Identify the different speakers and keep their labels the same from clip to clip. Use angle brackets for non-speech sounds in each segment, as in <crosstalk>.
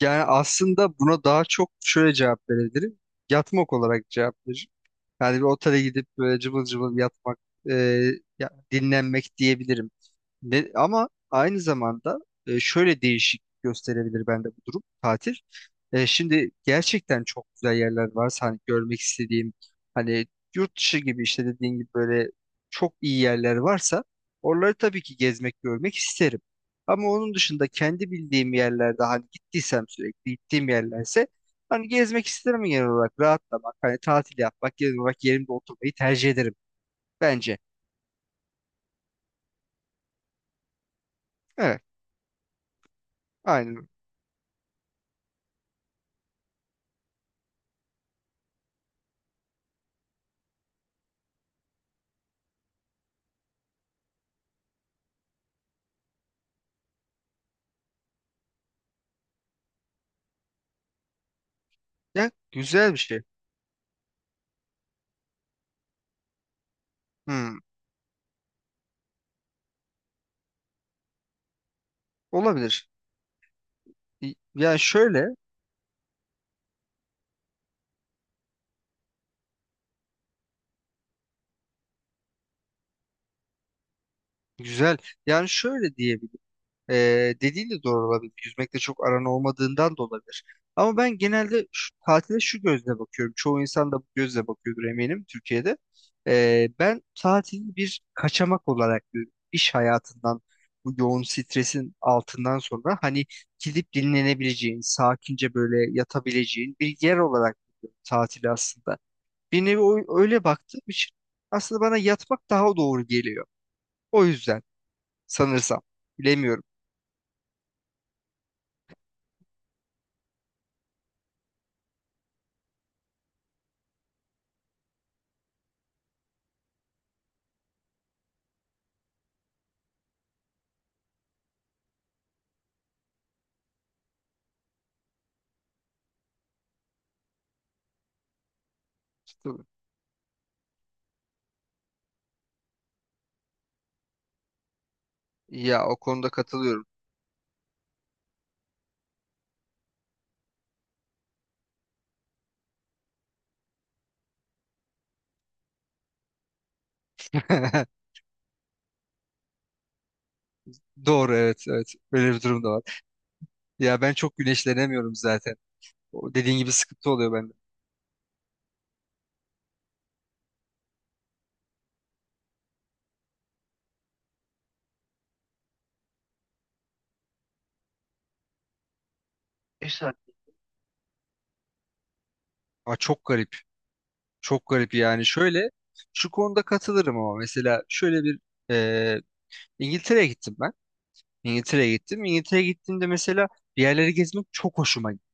Speaker 1: Yani aslında buna daha çok şöyle cevap verebilirim. Yatmak olarak cevap veririm. Yani bir otele gidip böyle cıvıl cıvıl yatmak, e, dinlenmek diyebilirim. Ama aynı zamanda şöyle değişik gösterebilir bende bu durum tatil. Şimdi gerçekten çok güzel yerler varsa hani görmek istediğim, hani yurt dışı gibi, işte dediğin gibi böyle çok iyi yerler varsa, oraları tabii ki gezmek görmek isterim. Ama onun dışında kendi bildiğim yerlerde, hani gittiysem, sürekli gittiğim yerlerse, hani gezmek isterim genel olarak, rahatlamak, hani tatil yapmak genel olarak yerimde oturmayı tercih ederim bence. Evet, aynen. Ya, güzel bir şey. Hmm. Olabilir. Yani şöyle güzel. Yani şöyle diyebilirim. Dediğin de doğru olabilir. Yüzmekte çok aran olmadığından da olabilir. Ama ben genelde şu, tatile şu gözle bakıyorum. Çoğu insan da bu gözle bakıyordur eminim Türkiye'de. Ben tatili bir kaçamak olarak görüyorum. İş hayatından bu yoğun stresin altından sonra, hani gidip dinlenebileceğin, sakince böyle yatabileceğin bir yer olarak görüyorum tatili aslında. Bir nevi öyle baktığım için aslında bana yatmak daha doğru geliyor. O yüzden sanırsam. Bilemiyorum. Tabii. Ya, o konuda katılıyorum. <laughs> Doğru, evet, evet. Böyle bir durum da var. Ya ben çok güneşlenemiyorum zaten. O dediğin gibi sıkıntı oluyor bende. Aa, çok garip. Çok garip yani. Şöyle şu konuda katılırım ama mesela şöyle bir e, İngiltere'ye gittim ben. İngiltere'ye gittim. İngiltere'ye gittiğimde mesela bir yerleri gezmek çok hoşuma gitti.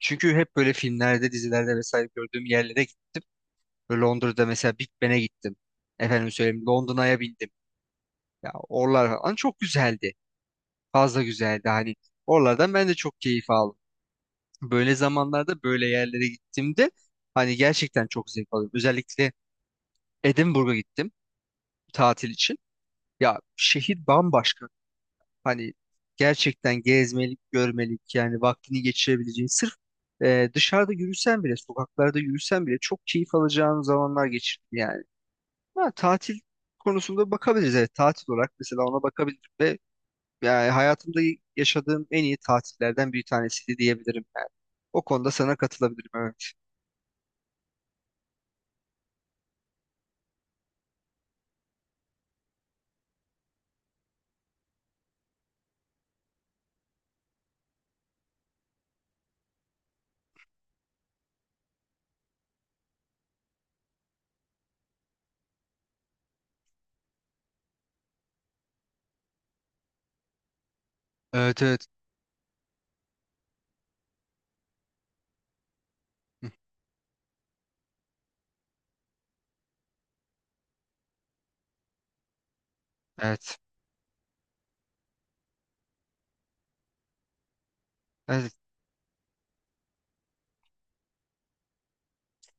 Speaker 1: Çünkü hep böyle filmlerde, dizilerde vesaire gördüğüm yerlere gittim. Böyle Londra'da mesela Big Ben'e gittim. Efendim söyleyeyim Londra'ya bindim. Ya oralar falan çok güzeldi. Fazla güzeldi hani. Oralardan ben de çok keyif aldım. Böyle zamanlarda böyle yerlere gittiğimde hani gerçekten çok zevk alıyorum. Özellikle Edinburgh'a gittim tatil için. Ya şehir bambaşka. Hani gerçekten gezmelik, görmelik yani vaktini geçirebileceğin, sırf dışarıda yürüsen bile, sokaklarda yürüsen bile çok keyif alacağın zamanlar geçirdim yani. Ha, tatil konusunda bakabiliriz. Evet, tatil olarak mesela ona bakabilirim ve yani hayatımda yaşadığım en iyi tatillerden bir tanesiydi diyebilirim yani. O konuda sana katılabilirim. Evet, evet, evet. Hı, evet. Evet.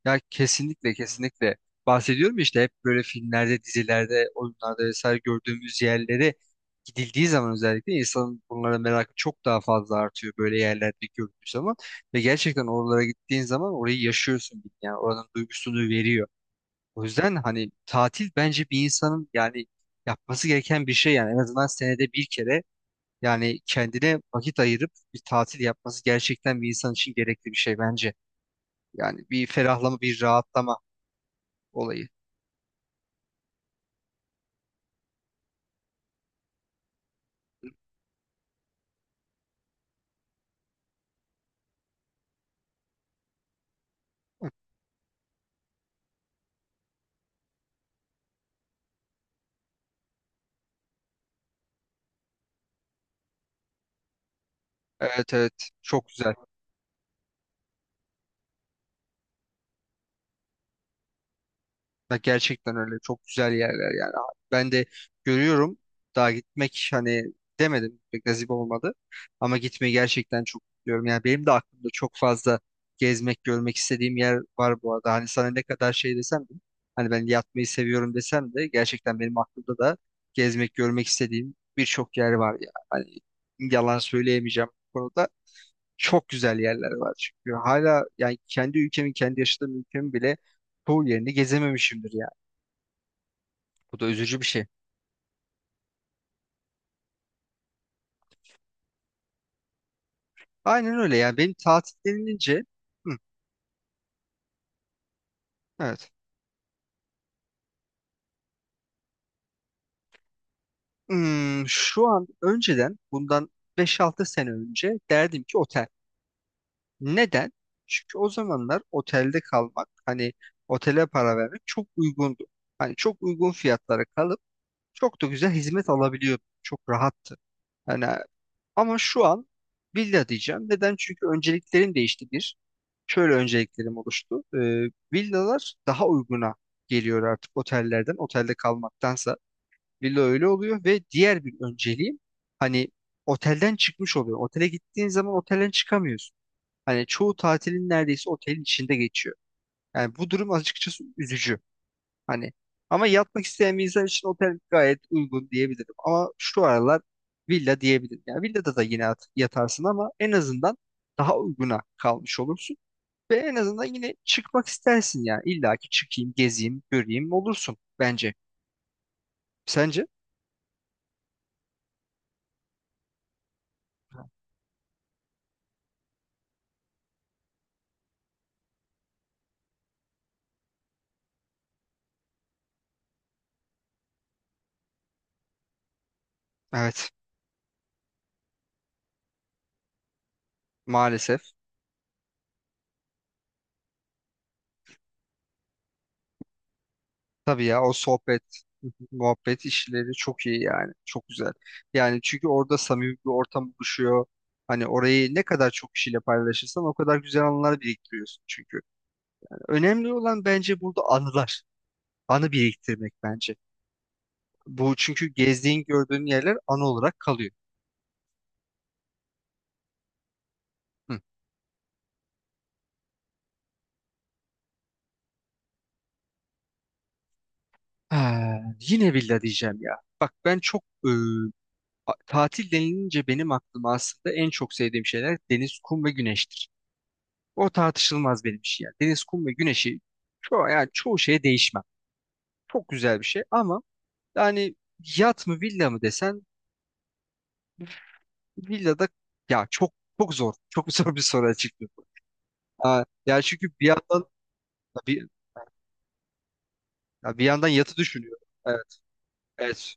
Speaker 1: Ya kesinlikle, kesinlikle. Bahsediyorum ya işte, hep böyle filmlerde, dizilerde, oyunlarda vesaire gördüğümüz yerlere gidildiği zaman özellikle insanın bunlara merakı çok daha fazla artıyor böyle yerlerde gördüğü zaman, ve gerçekten oralara gittiğin zaman orayı yaşıyorsun yani, oranın duygusunu veriyor. O yüzden hani tatil bence bir insanın yani yapması gereken bir şey yani, en azından senede bir kere yani kendine vakit ayırıp bir tatil yapması gerçekten bir insan için gerekli bir şey bence. Yani bir ferahlama, bir rahatlama olayı. Evet, evet, çok güzel. Ya gerçekten öyle çok güzel yerler yani. Ben de görüyorum, daha gitmek hani demedim, pek nasip olmadı ama gitmeyi gerçekten çok istiyorum. Yani benim de aklımda çok fazla gezmek görmek istediğim yer var bu arada. Hani sana ne kadar şey desem de, hani ben yatmayı seviyorum desem de, gerçekten benim aklımda da gezmek görmek istediğim birçok yer var ya. Hani yalan söyleyemeyeceğim bu konuda. Çok güzel yerler var çünkü, hala yani kendi ülkemin, kendi yaşadığım ülkemin bile çoğu yerini gezememişimdir yani. Bu da üzücü bir şey. Aynen öyle yani benim tatil denilince. Hı, evet. Hmm, şu an önceden bundan beş altı sene önce derdim ki otel. Neden? Çünkü o zamanlar otelde kalmak hani, otele para vermek çok uygundu. Hani çok uygun fiyatlara kalıp çok da güzel hizmet alabiliyordum. Çok rahattı. Yani ama şu an villa diyeceğim. Neden? Çünkü önceliklerim değişti bir. Şöyle önceliklerim oluştu. Villalar daha uyguna geliyor artık otellerden. Otelde kalmaktansa villa öyle oluyor, ve diğer bir önceliğim hani otelden çıkmış oluyor. Otele gittiğin zaman otelden çıkamıyorsun. Hani çoğu tatilin neredeyse otelin içinde geçiyor. Yani bu durum açıkçası üzücü. Hani ama yatmak isteyen bir insan için otel gayet uygun diyebilirim. Ama şu aralar villa diyebilirim. Yani villada da yine yatarsın ama en azından daha uyguna kalmış olursun. Ve en azından yine çıkmak istersin yani. İlla ki çıkayım, gezeyim, göreyim olursun bence. Sence? Evet. Maalesef. Tabii ya, o sohbet, <laughs> muhabbet işleri çok iyi yani. Çok güzel. Yani çünkü orada samimi bir ortam oluşuyor. Hani orayı ne kadar çok kişiyle paylaşırsan o kadar güzel anılar biriktiriyorsun çünkü. Önemli olan bence burada anılar. Anı biriktirmek bence. Bu çünkü gezdiğin gördüğün yerler anı olarak kalıyor. Hı. Ha, yine villa diyeceğim ya. Bak ben çok tatil denilince benim aklıma aslında en çok sevdiğim şeyler deniz, kum ve güneştir. O tartışılmaz benim için yani. Deniz, kum ve güneşi çoğu, yani çoğu şeye değişmem. Çok güzel bir şey ama yani yat mı villa mı desen, villada ya çok çok zor. Çok <laughs> zor bir soru açıkçası. Ha, ya çünkü bir yandan bir ya bir yandan yatı düşünüyorum. Evet, evet.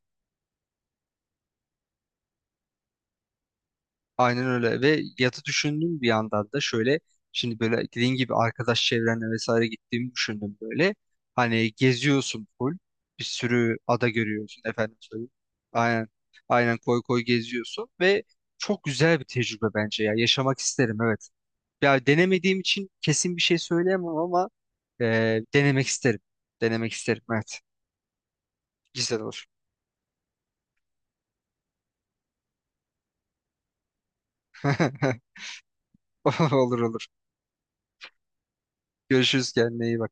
Speaker 1: Aynen öyle. Ve yatı düşündüm bir yandan da şöyle, şimdi böyle dediğin gibi arkadaş çevrenle vesaire gittiğimi düşündüm böyle. Hani geziyorsun full. Bir sürü ada görüyorsun efendim söyleyeyim. Aynen. Aynen koy koy geziyorsun ve çok güzel bir tecrübe bence ya. Yaşamak isterim evet. Ya denemediğim için kesin bir şey söyleyemem ama e, denemek isterim. Denemek isterim evet. Güzel olur. <laughs> Olur olur. Görüşürüz, kendine iyi bak.